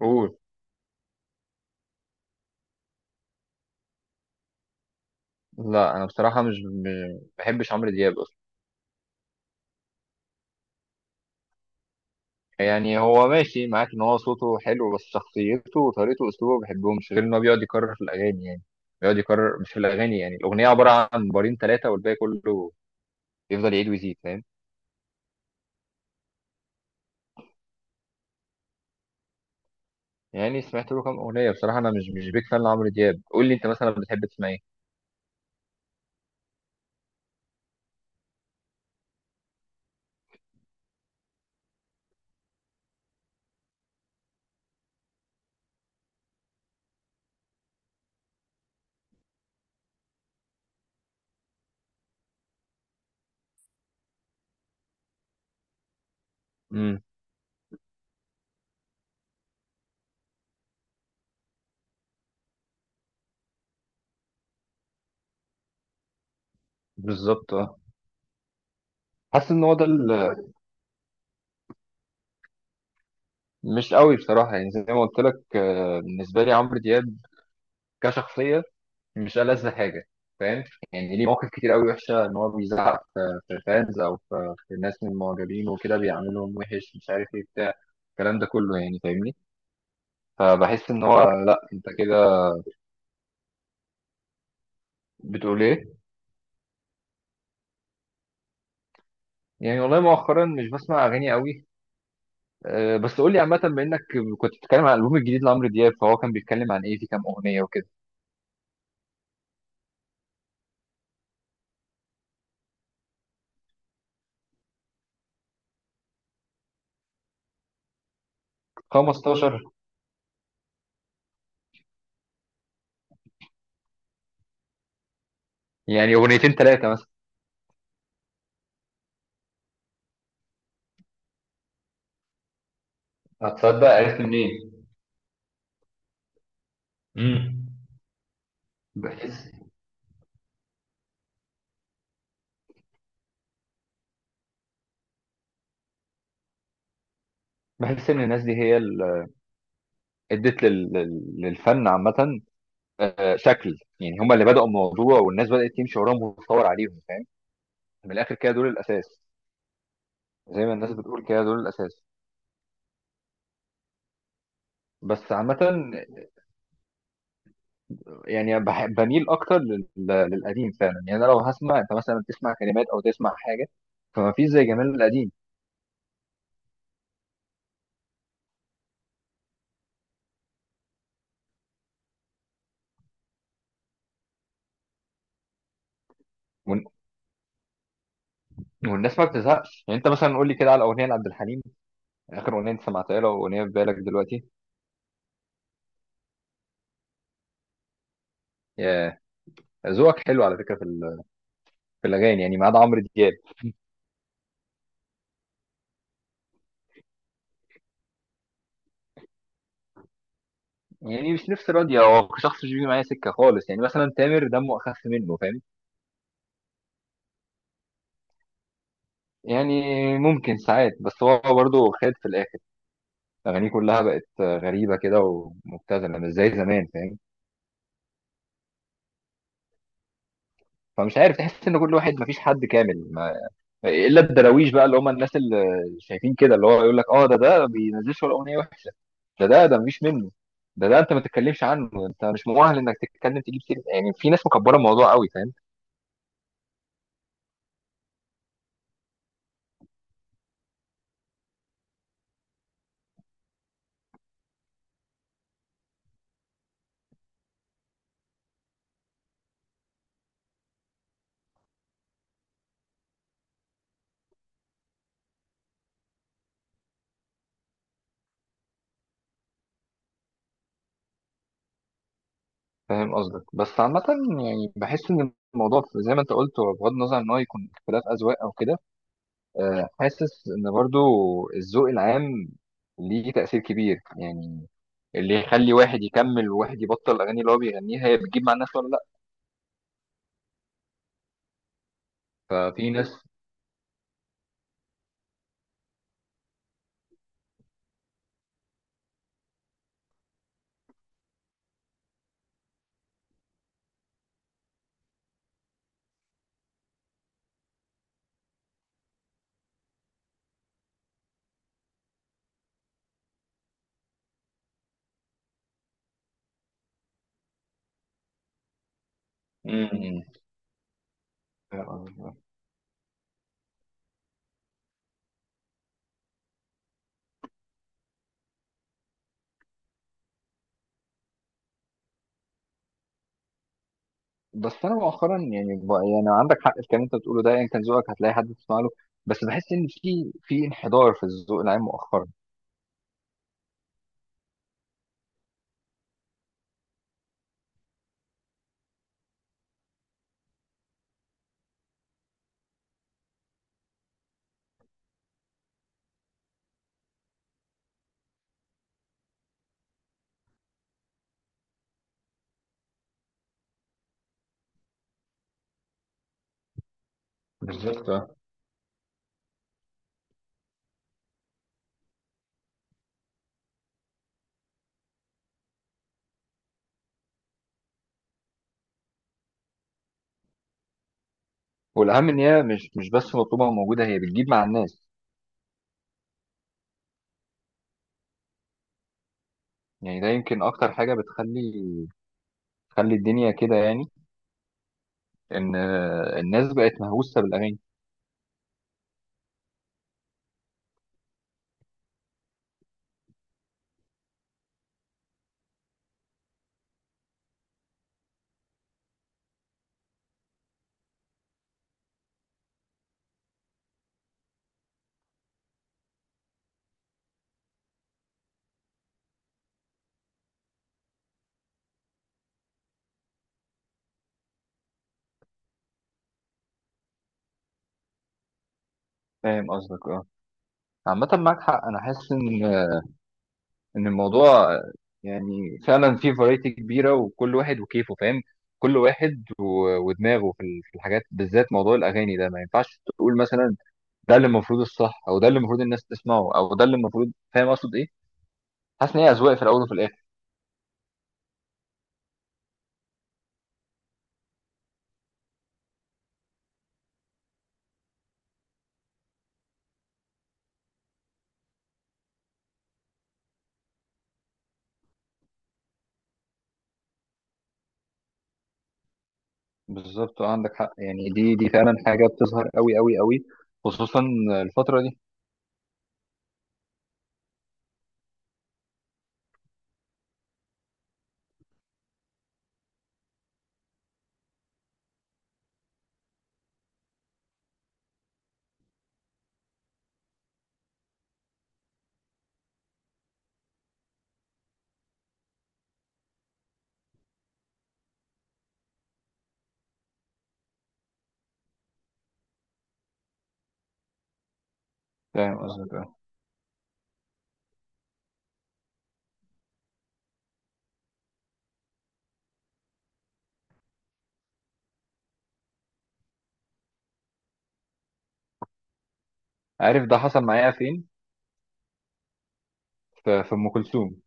قول. لا، انا بصراحه مش بحبش عمرو دياب اصلا. يعني هو ماشي معاك ان هو صوته حلو، بس شخصيته وطريقته واسلوبه ما بحبهمش، غير ان هو بيقعد يكرر في الاغاني، يعني بيقعد يكرر مش في الاغاني، يعني الاغنيه عباره عن بارين ثلاثه والباقي كله يفضل يعيد ويزيد، فاهم؟ يعني سمعت له كام اغنيه بصراحه، انا مش بيك فان لعمرو دياب. قول لي انت مثلا بتحب تسمع ايه؟ امم. بالظبط، اه. حاسس ان هو ده مش قوي بصراحه، يعني زي ما قلت لك، بالنسبه لي عمرو دياب كشخصيه مش ألذ حاجة، فاهم؟ يعني ليه مواقف كتير قوي وحشة، إن هو بيزعق في الفانز، أو في الناس من المعجبين، وكده بيعملهم وحش، مش عارف إيه، بتاع الكلام ده كله، يعني فاهمني. فبحس إن هو، لأ، أنت كده بتقول إيه؟ يعني والله مؤخرا مش بسمع أغاني قوي. بس قول لي عامة، بما إنك كنت بتتكلم عن الألبوم الجديد لعمرو دياب، فهو كان بيتكلم عن إيه في كام أغنية وكده. 15؟ يعني أغنيتين ثلاثة مثلا. هتصدق عرفت منين؟ امم. بحس، بحس إن الناس دي هي ادت للفن عامه، شكل يعني هم اللي بداوا الموضوع، والناس بدات تمشي وراهم وتتطور عليهم، فاهم؟ من الاخر كده دول الاساس. زي ما الناس بتقول كده، دول الاساس. بس عامه يعني بميل اكتر للقديم فعلا. يعني انا لو هسمع، انت مثلا تسمع كلمات او تسمع حاجه، فما فيش زي جمال القديم. وال- والناس ما بتزهقش، يعني انت مثلا قول لي كده على اغنيه لعبد الحليم، اخر اغنيه انت سمعتها له، واغنيه في بالك دلوقتي. يا، ذوقك حلو على فكره في في الاغاني، يعني ما عدا عمرو دياب. يعني مش نفسي راضية، هو شخص مش بيجي معايا سكة خالص. يعني مثلا تامر دمه أخف منه، فاهم؟ يعني ممكن ساعات، بس هو برضه خد في الآخر أغانيه كلها بقت غريبة كده، ومبتذلة، مش زي زمان، فاهم؟ فمش عارف، تحس إن كل واحد، مفيش حد كامل، ما... إلا الدراويش بقى، اللي هم الناس اللي شايفين كده، اللي هو يقول لك أه ده، ما بينزلش ولا أغنية وحشة، ده، ده مفيش منه، ده، أنت ما تتكلمش عنه، أنت مش مؤهل إنك تتكلم تجيب سيرة. يعني في ناس مكبرة الموضوع قوي، فاهم؟ فاهم قصدك، بس عامة يعني بحس إن الموضوع زي ما أنت قلت، هو بغض النظر إن هو يكون اختلاف أذواق أو كده، حاسس إن برضو الذوق العام ليه تأثير كبير، يعني اللي يخلي واحد يكمل وواحد يبطل. الأغاني اللي هو بيغنيها هي بتجيب مع الناس ولا لأ؟ ففي ناس. مم. فاهم قصدك. بس أنا مؤخرا، يعني يعني عندك حق في الكلام اللي أنت بتقوله ده، يعني كان ذوقك هتلاقي حد تسمع له، بس بحس إن في انحدار في الذوق العام مؤخرا. بالظبط. والاهم ان هي مش بس مطلوبه وموجوده، هي بتجيب مع الناس. يعني ده يمكن اكتر حاجه تخلي الدنيا كده. يعني ان، الناس بقت مهووسه بالاغاني. فاهم قصدك، اه. عامه معاك حق، انا حاسس ان، ان الموضوع، يعني فعلا فيه فرايتي كبيره، وكل واحد وكيفه، فاهم؟ كل واحد ودماغه في في الحاجات، بالذات موضوع الاغاني ده ما ينفعش تقول مثلا ده اللي المفروض الصح، او ده اللي المفروض الناس تسمعه، او ده اللي المفروض، فاهم اقصد ايه؟ حاسس ان هي اذواق في الاول وفي الاخر. بالظبط. عندك حق، يعني دي فعلا حاجة بتظهر قوي قوي قوي، خصوصا الفترة دي. فاهم قصدك، آه. عارف ده حصل معايا فين؟ في أم كلثوم.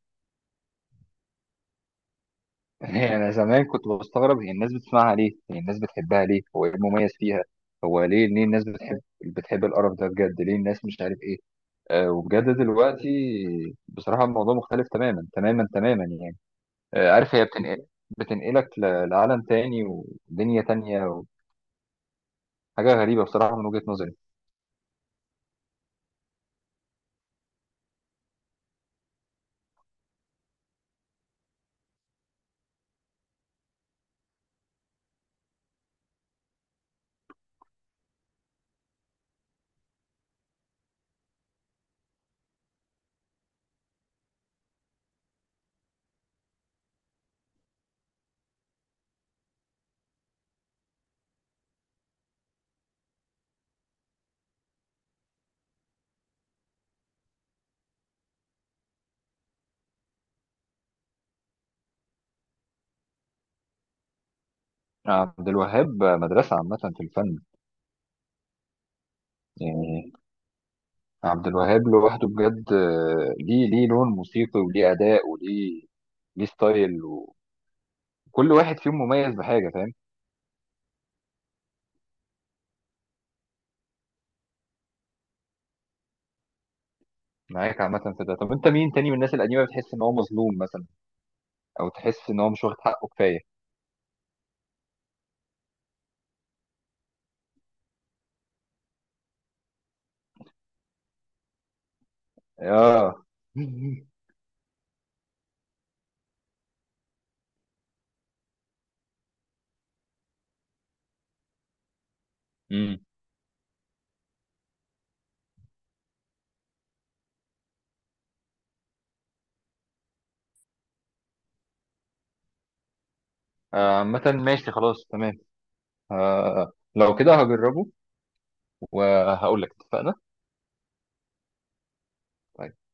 يعني أنا زمان كنت بستغرب، هي الناس بتسمعها ليه؟ هي الناس بتحبها ليه؟ هو إيه المميز فيها؟ هو ليه، ليه الناس بتحب، بتحب القرف ده بجد؟ ليه الناس مش عارف إيه؟ آه، وبجد دلوقتي بصراحة الموضوع مختلف تماما تماما تماما، يعني آه، عارف هي بتنقل، بتنقلك لعالم تاني ودنيا تانية، حاجة غريبة بصراحة من وجهة نظري. عبد الوهاب مدرسة عامة في الفن. يعني عبد الوهاب لوحده بجد، ليه، ليه لون موسيقي، وليه أداء، وليه ليه ستايل، وكل واحد فيهم مميز بحاجة، فاهم؟ معاك عامة في ده. طب أنت مين تاني من الناس القديمة بتحس إن هو مظلوم مثلا، أو تحس إن هو مش واخد حقه كفاية؟ آه. امم. عامة ماشي، خلاص، تمام. لو كده هجربه وهقول لك. اتفقنا. طيب.